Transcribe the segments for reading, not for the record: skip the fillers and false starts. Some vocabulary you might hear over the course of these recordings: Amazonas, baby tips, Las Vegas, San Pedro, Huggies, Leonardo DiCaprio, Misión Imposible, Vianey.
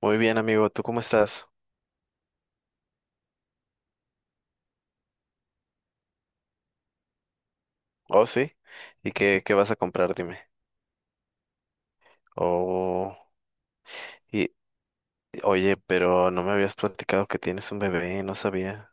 Muy bien, amigo, ¿tú cómo estás? Oh, sí. ¿Y qué vas a comprar? Dime. Oh, y oye, pero no me habías platicado que tienes un bebé, no sabía.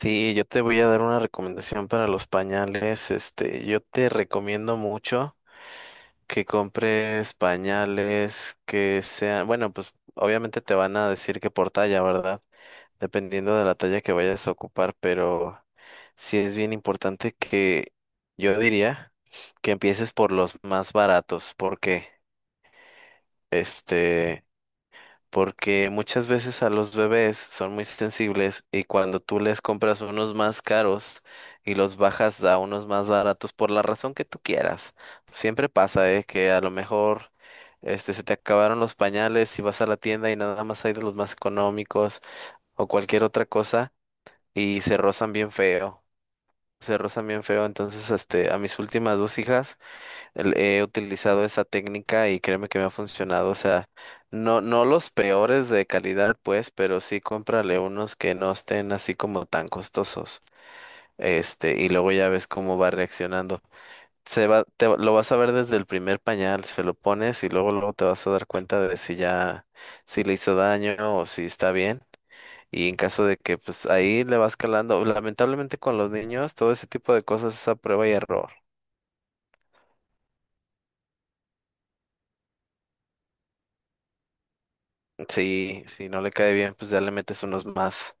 Sí, yo te voy a dar una recomendación para los pañales. Yo te recomiendo mucho que compres pañales que sean, bueno, pues obviamente te van a decir que por talla, ¿verdad? Dependiendo de la talla que vayas a ocupar, pero sí es bien importante que yo diría que empieces por los más baratos, porque este, porque muchas veces a los bebés son muy sensibles y cuando tú les compras unos más caros y los bajas a unos más baratos por la razón que tú quieras, siempre pasa, que a lo mejor se te acabaron los pañales y vas a la tienda y nada más hay de los más económicos o cualquier otra cosa y se rozan bien feo. Se rozan bien feo. Entonces, a mis últimas dos hijas he utilizado esa técnica y créeme que me ha funcionado. O sea, no, no los peores de calidad, pues, pero sí cómprale unos que no estén así como tan costosos. Y luego ya ves cómo va reaccionando. Se va, te, va- Lo vas a ver desde el primer pañal, se lo pones y luego, luego te vas a dar cuenta de si le hizo daño o si está bien. Y en caso de que pues ahí le vas calando, lamentablemente con los niños todo ese tipo de cosas es a prueba y error. Sí, si no le cae bien, pues ya le metes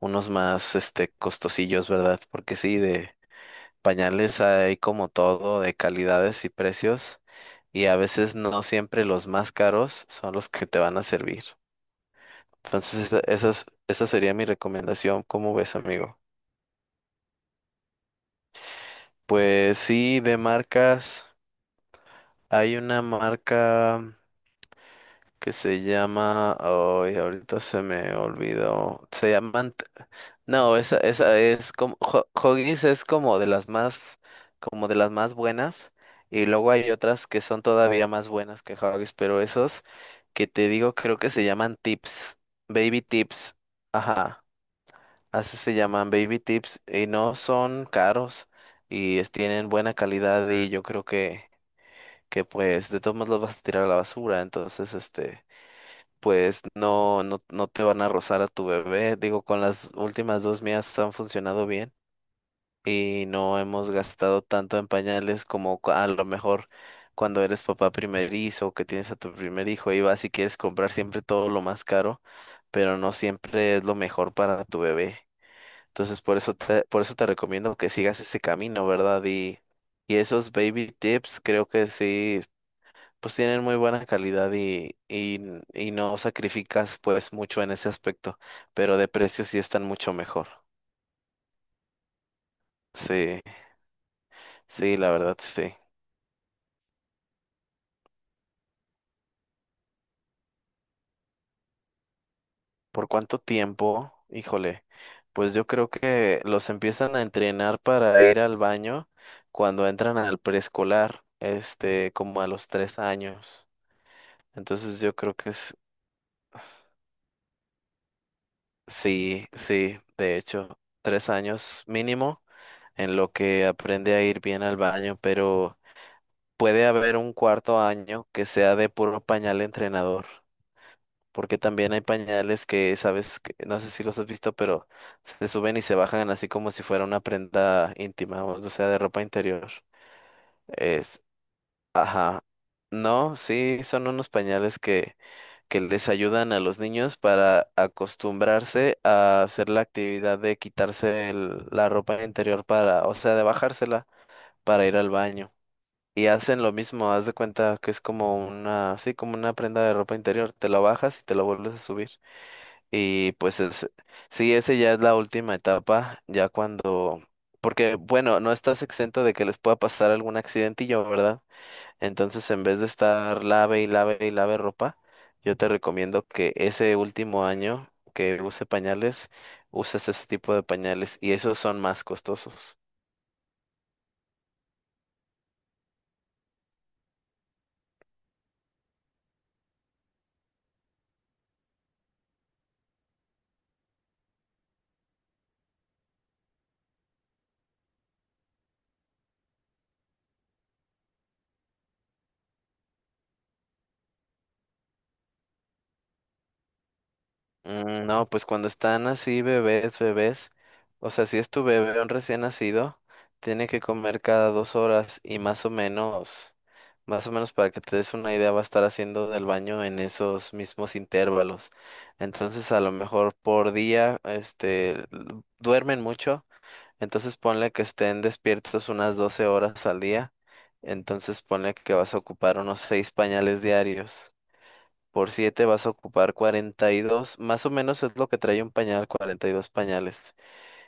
unos más costosillos, ¿verdad? Porque sí, de pañales hay como todo, de calidades y precios, y a veces no siempre los más caros son los que te van a servir. Entonces, esa sería mi recomendación. ¿Cómo ves, amigo? Pues sí, de marcas, hay una marca que se llama, ay, ahorita se me olvidó, no, esa es como, Huggies es como de las más buenas, y luego hay otras que son todavía más buenas que Huggies, pero esos que te digo creo que se llaman tips, baby tips, ajá, así se llaman baby tips, y no son caros, tienen buena calidad, y yo creo que pues, de todos modos los vas a tirar a la basura, entonces, pues no, no, no te van a rozar a tu bebé. Digo, con las últimas dos mías han funcionado bien y no hemos gastado tanto en pañales como a lo mejor cuando eres papá primerizo, que tienes a tu primer hijo y vas y quieres comprar siempre todo lo más caro, pero no siempre es lo mejor para tu bebé. Entonces, por eso te recomiendo que sigas ese camino, ¿verdad? Y esos baby tips creo que sí pues tienen muy buena calidad y no sacrificas pues mucho en ese aspecto, pero de precio sí están mucho mejor. Sí, sí, la verdad sí. ¿Por cuánto tiempo? Híjole, pues yo creo que los empiezan a entrenar para ir al baño cuando entran al preescolar, como a los 3 años. Entonces yo creo que es, sí, sí, de hecho, 3 años mínimo en lo que aprende a ir bien al baño, pero puede haber un cuarto año que sea de puro pañal entrenador, porque también hay pañales que sabes, que, no sé si los has visto, pero se suben y se bajan así como si fuera una prenda íntima, o sea, de ropa interior. Es, ajá. No, sí, son unos pañales que les ayudan a los niños para acostumbrarse a hacer la actividad de quitarse la ropa interior para, o sea, de bajársela para ir al baño. Y hacen lo mismo, haz de cuenta que es como una, sí, como una prenda de ropa interior, te la bajas y te la vuelves a subir. Y pues es, sí, ese ya es la última etapa, ya cuando, porque bueno, no estás exento de que les pueda pasar algún accidentillo, ¿verdad? Entonces, en vez de estar lave y lave y lave ropa, yo te recomiendo que ese último año que use pañales, uses ese tipo de pañales y esos son más costosos. No, pues cuando están así bebés, bebés, o sea, si es tu bebé un recién nacido, tiene que comer cada 2 horas y más o menos para que te des una idea, va a estar haciendo del baño en esos mismos intervalos. Entonces, a lo mejor por día, duermen mucho, entonces ponle que estén despiertos unas 12 horas al día, entonces ponle que vas a ocupar unos 6 pañales diarios. Por 7 vas a ocupar 42. Más o menos es lo que trae un pañal, 42 pañales.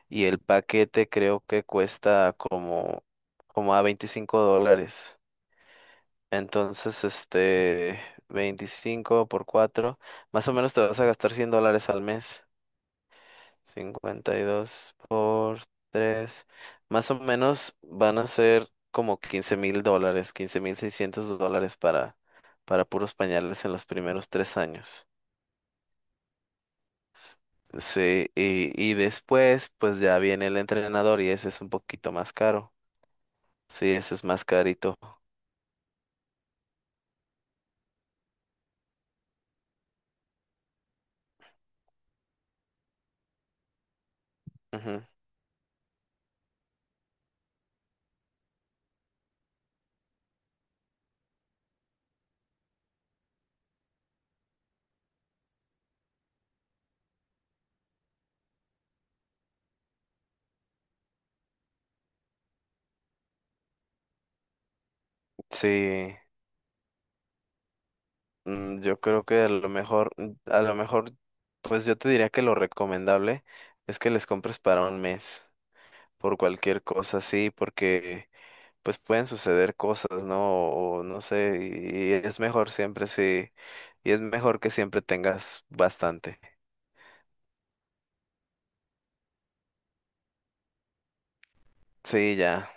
Y el paquete creo que cuesta como, como a $25. Entonces, 25 por 4, más o menos te vas a gastar $100 al mes. 52 por 3, más o menos van a ser como $15,000, $15,600 para puros pañales en los primeros 3 años. Sí, y después pues ya viene el entrenador y ese es un poquito más caro. Sí, ese es más carito. Ujú. Sí, yo creo que a lo mejor, pues yo te diría que lo recomendable es que les compres para un mes, por cualquier cosa sí porque pues pueden suceder cosas, ¿no? O, no sé, y es mejor siempre sí, y es mejor que siempre tengas bastante. Sí, ya.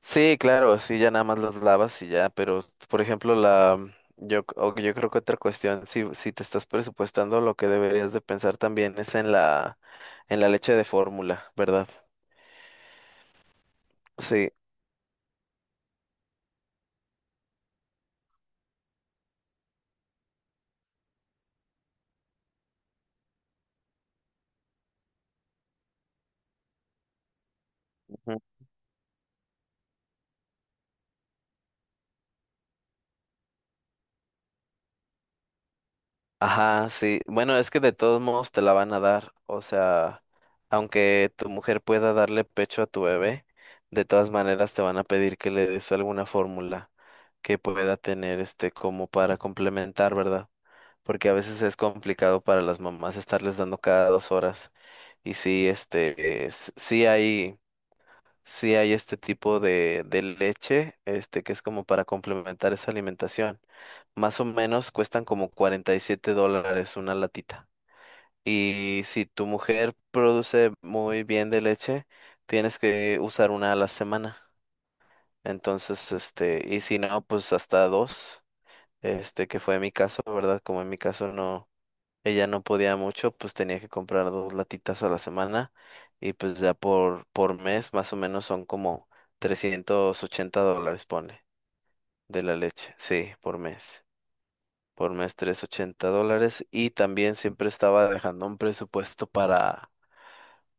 Sí, claro, sí, ya nada más las lavas y ya, pero por ejemplo, la mm, yo, c- o yo creo que otra cuestión, si te estás presupuestando, lo que deberías de pensar también es en en la leche de fórmula, ¿verdad? Sí, ujú, ajá, sí. Bueno, es que de todos modos te la van a dar, o sea, aunque tu mujer pueda darle pecho a tu bebé, de todas maneras te van a pedir que le des alguna fórmula que pueda tener como para complementar, ¿verdad? Porque a veces es complicado para las mamás estarles dando cada 2 horas. Y sí, sí hay, este tipo de leche, que es como para complementar esa alimentación. Más o menos cuestan como $47 una latita. Y si tu mujer produce muy bien de leche, tienes que usar una a la semana. Entonces, y si no, pues hasta dos, que fue mi caso, ¿verdad? Como en mi caso no, ella no podía mucho, pues tenía que comprar dos latitas a la semana y pues ya por mes más o menos son como $380, pone, de la leche, sí, por mes. Por mes $380 y también siempre estaba dejando un presupuesto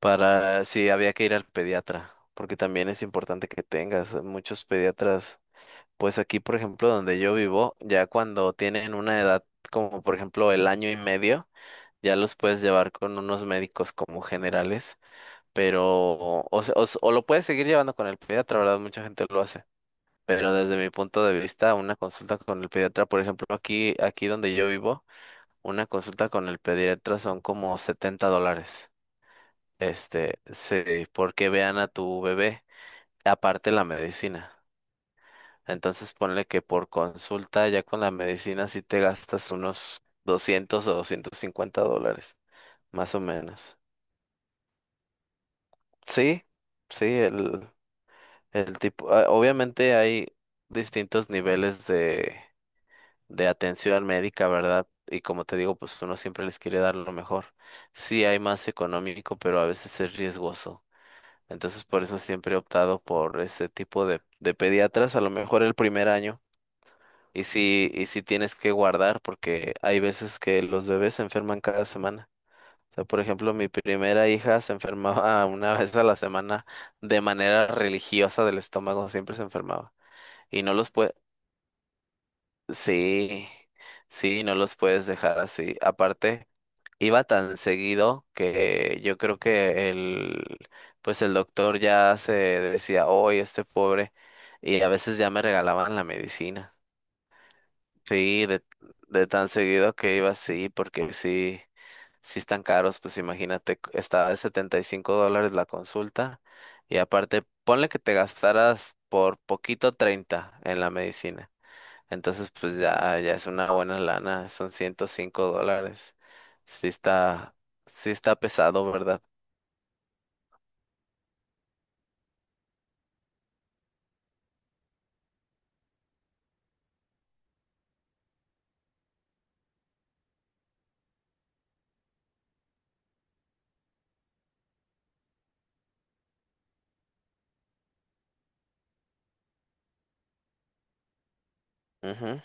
para si había que ir al pediatra, porque también es importante que tengas muchos pediatras. Pues aquí, por ejemplo, donde yo vivo, ya cuando tienen una edad como por ejemplo el año y medio, ya los puedes llevar con unos médicos como generales, pero o lo puedes seguir llevando con el pediatra, ¿verdad? Mucha gente lo hace. Pero desde mi punto de vista, una consulta con el pediatra, por ejemplo, aquí donde yo vivo, una consulta con el pediatra son como $70. Sí, porque vean a tu bebé, aparte la medicina. Entonces ponle que por consulta ya con la medicina sí te gastas unos 200 o $250, más o menos. Sí, sí, el tipo, ah, obviamente hay distintos niveles de atención médica, ¿verdad? Y como te digo, pues uno siempre les quiere dar lo mejor. Sí, hay más económico, pero a veces es riesgoso. Entonces, por eso siempre he optado por ese tipo de pediatras, a lo mejor el primer año. Y sí tienes que guardar, porque hay veces que los bebés se enferman cada semana. O sea, por ejemplo, mi primera hija se enfermaba una vez a la semana de manera religiosa del estómago, siempre se enfermaba. Y no los puedes, sí, sí, no los puedes dejar así. Aparte, iba tan seguido que yo creo que el, pues el doctor ya se decía, hoy este pobre, y a veces ya me regalaban la medicina. Sí, de tan seguido que iba, sí, porque sí, sí están caros, pues imagínate, estaba de $75 la consulta y aparte, ponle que te gastaras por poquito 30 en la medicina, entonces pues ya, ya es una buena lana, son $105, sí está, sí está pesado, ¿verdad? Ujú.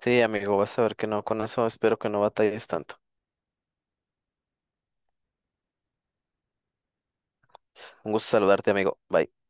Sí, amigo, vas a ver que no, con eso espero que no batalles tanto. Un gusto saludarte, amigo. Bye.